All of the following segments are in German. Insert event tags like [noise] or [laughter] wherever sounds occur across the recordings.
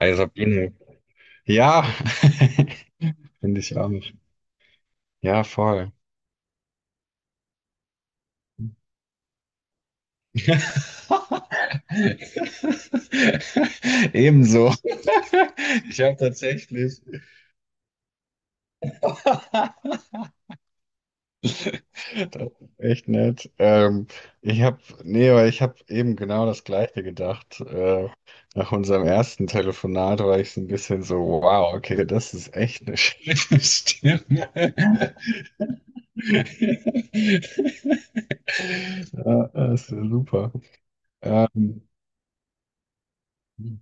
Hi Sabine. Ja, [laughs] finde ich auch. Nicht. Ja, voll. [laughs] Ebenso. Ich habe tatsächlich. [laughs] Das ist echt nett. Ich habe, nee, weil ich habe eben genau das Gleiche gedacht. Nach unserem ersten Telefonat war ich so ein bisschen so, wow, okay, das ist echt eine schöne [laughs] Stimme. [laughs] Ja, das wäre super. Ähm, mhm.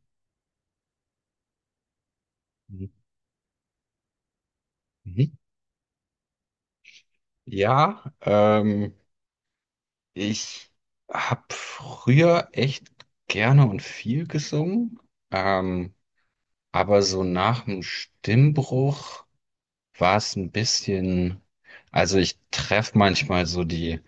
Ja, ich habe früher echt gerne und viel gesungen, ähm, aber so nach dem Stimmbruch war es ein bisschen, also ich treffe manchmal so die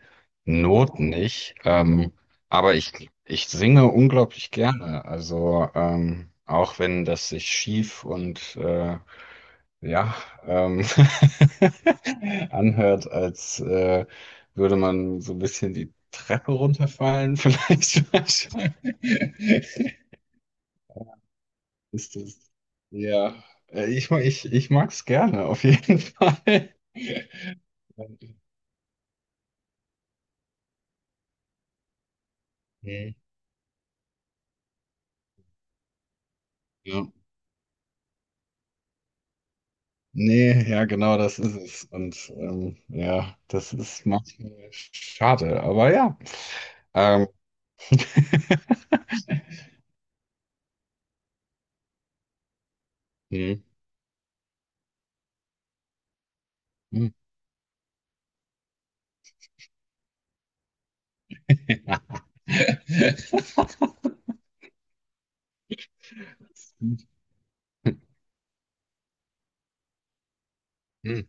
Noten nicht, aber ich singe unglaublich gerne, also auch wenn das sich schief und ja, ähm, [laughs] anhört, als würde man so ein bisschen die Treppe runterfallen, [laughs] vielleicht. Manchmal. Ist das, ja, ich mag es gerne, auf jeden [laughs] Fall. Mhm. Ja. Nee, ja, genau das ist es. Und ja, das ist manchmal schade, aber ja. Ähm, [laughs] hm. Hm. [laughs] Hm.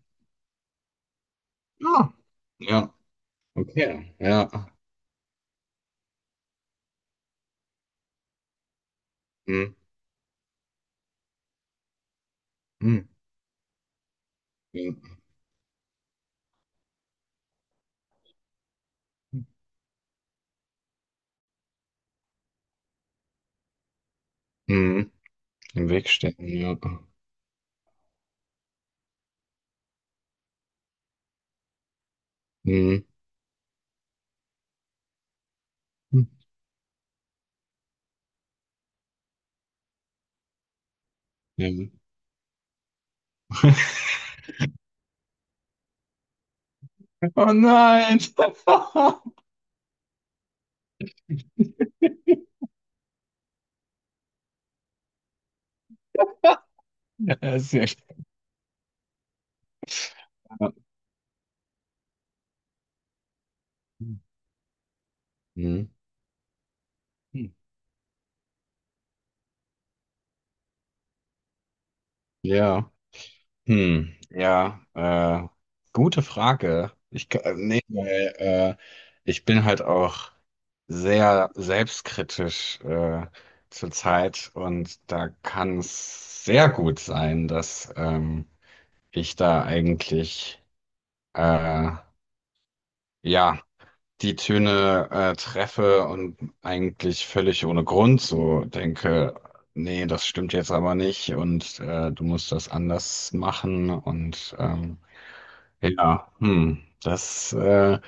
Ja. Ja, okay, ja. Mhm. Mhm. Ja. Mhm. Im Weg stehen, ja. Mhm. Ja. [laughs] Oh nein! [laughs] Ja, sehr stark. Mhm. Ja. Hm. Ja, gute Frage. Nee, weil, ich bin halt auch sehr selbstkritisch zur Zeit und da kann es sehr gut sein, dass ich da eigentlich äh, ja die Töne treffe und eigentlich völlig ohne Grund so denke, nee, das stimmt jetzt aber nicht und du musst das anders machen und ja, hm, das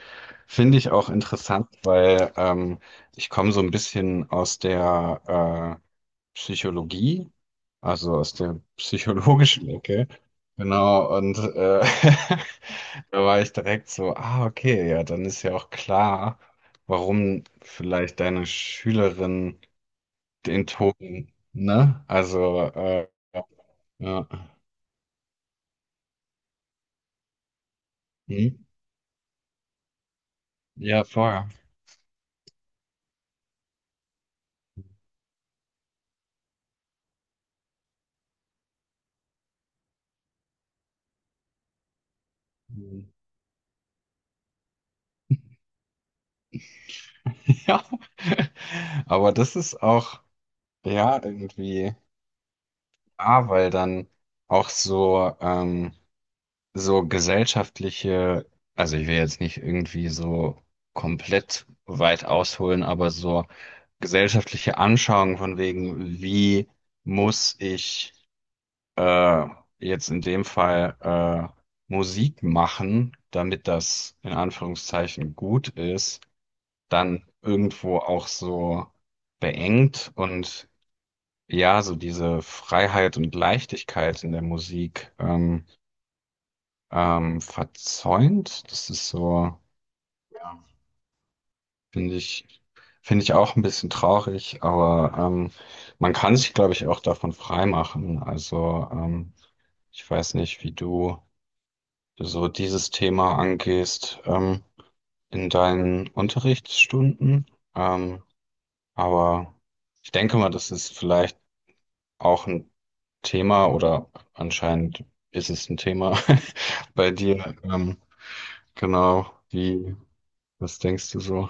finde ich auch interessant, weil ich komme so ein bisschen aus der Psychologie. Also aus der psychologischen Ecke. Genau, und [laughs] da war ich direkt so, ah, okay, ja, dann ist ja auch klar, warum vielleicht deine Schülerin den Ton, ne? Also, ja, hm? Ja, vorher. Hm. [laughs] Ja, aber das ist auch, ja, irgendwie, ah, weil dann auch so, so gesellschaftliche, also ich will jetzt nicht irgendwie so komplett weit ausholen, aber so gesellschaftliche Anschauung von wegen, wie muss ich äh, jetzt in dem Fall Musik machen, damit das in Anführungszeichen gut ist, dann irgendwo auch so beengt und ja, so diese Freiheit und Leichtigkeit in der Musik. Verzäunt, das ist so, ja, finde ich, finde ich auch ein bisschen traurig, aber man kann sich, glaube ich, auch davon freimachen. Also ich weiß nicht, wie du so dieses Thema angehst, in deinen Unterrichtsstunden, ähm, aber ich denke mal, das ist vielleicht auch ein Thema oder anscheinend ist es ein Thema [laughs] bei dir. Genau, wie, was denkst du so?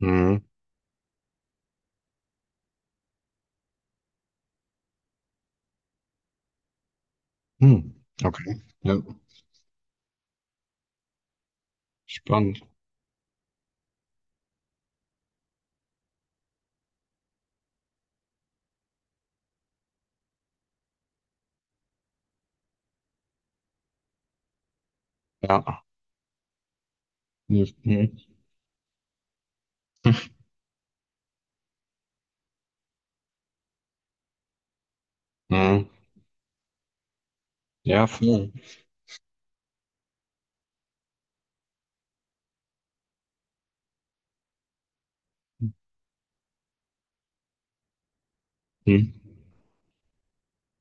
Mhm. Hm. Okay. Ja. Spannend. Ja. Nee. Mhm. Mhm. Ja, voll. Mhm.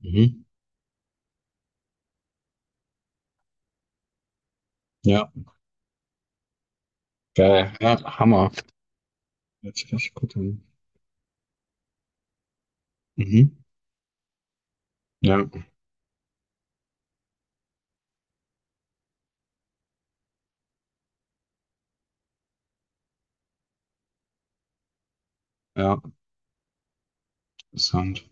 Mhm. Ja. Geil. Ja, Hammer. Hört sich echt gut an. Mhm. Ja. Ja. Interessant.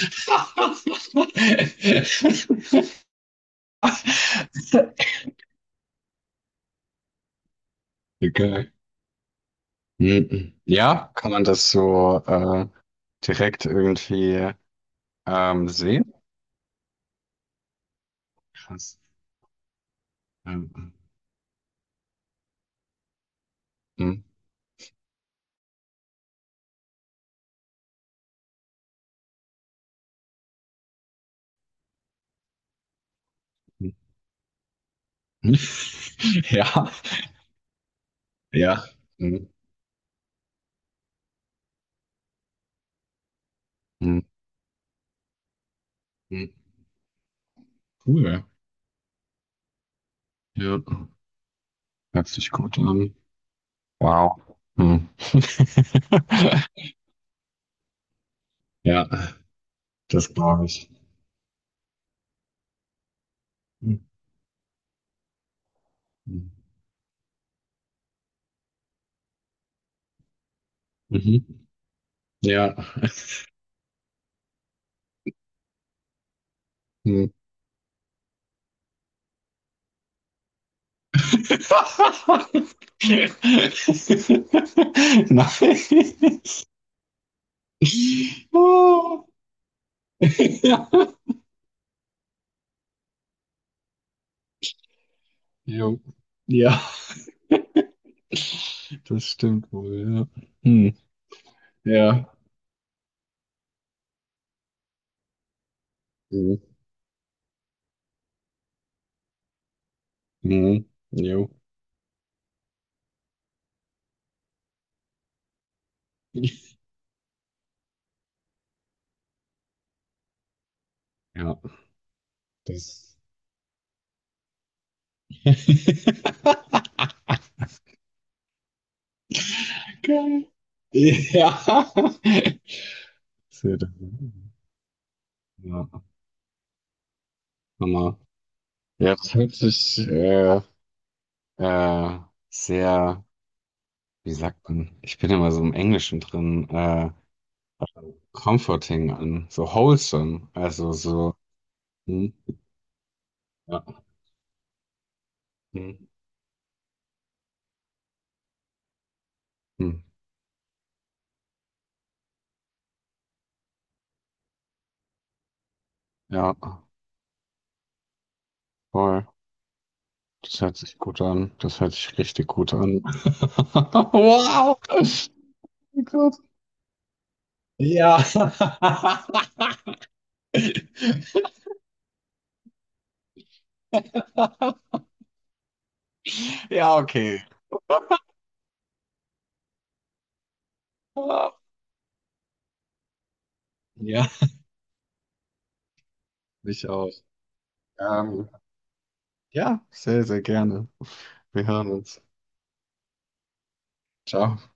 [laughs] Okay. Mhm. Ja, kann man das so direkt irgendwie sehen? Krass. Ähm, mhm. [laughs] Ja, ja. Mhm. Mhm. Cool. Ja. Hört sich gut an. Wow. Hm. [laughs] Ja, das glaube ich. Hm. Mhm. Ja. Hm. [laughs] Nein. Oh. Ja. Jo. Ja, das stimmt wohl. Ja. Hm. Ja. Mhm. Mhm. Jo. Ja, das. [laughs] Okay. Ja. Sehr interessant. Ja, Hammer. Ja, das hört sich äh, sehr, wie sagt man, ich bin immer so im Englischen drin, comforting an, so wholesome, also so, hm, ja, hm, hm, ja, voll. Das hört sich gut an, das hört sich richtig gut an. [laughs] Wow! Gut. Ja. [laughs] Ja, okay. Ah, ja, mich auch. Ähm, ja, sehr, sehr gerne. Wir hören uns. Ciao.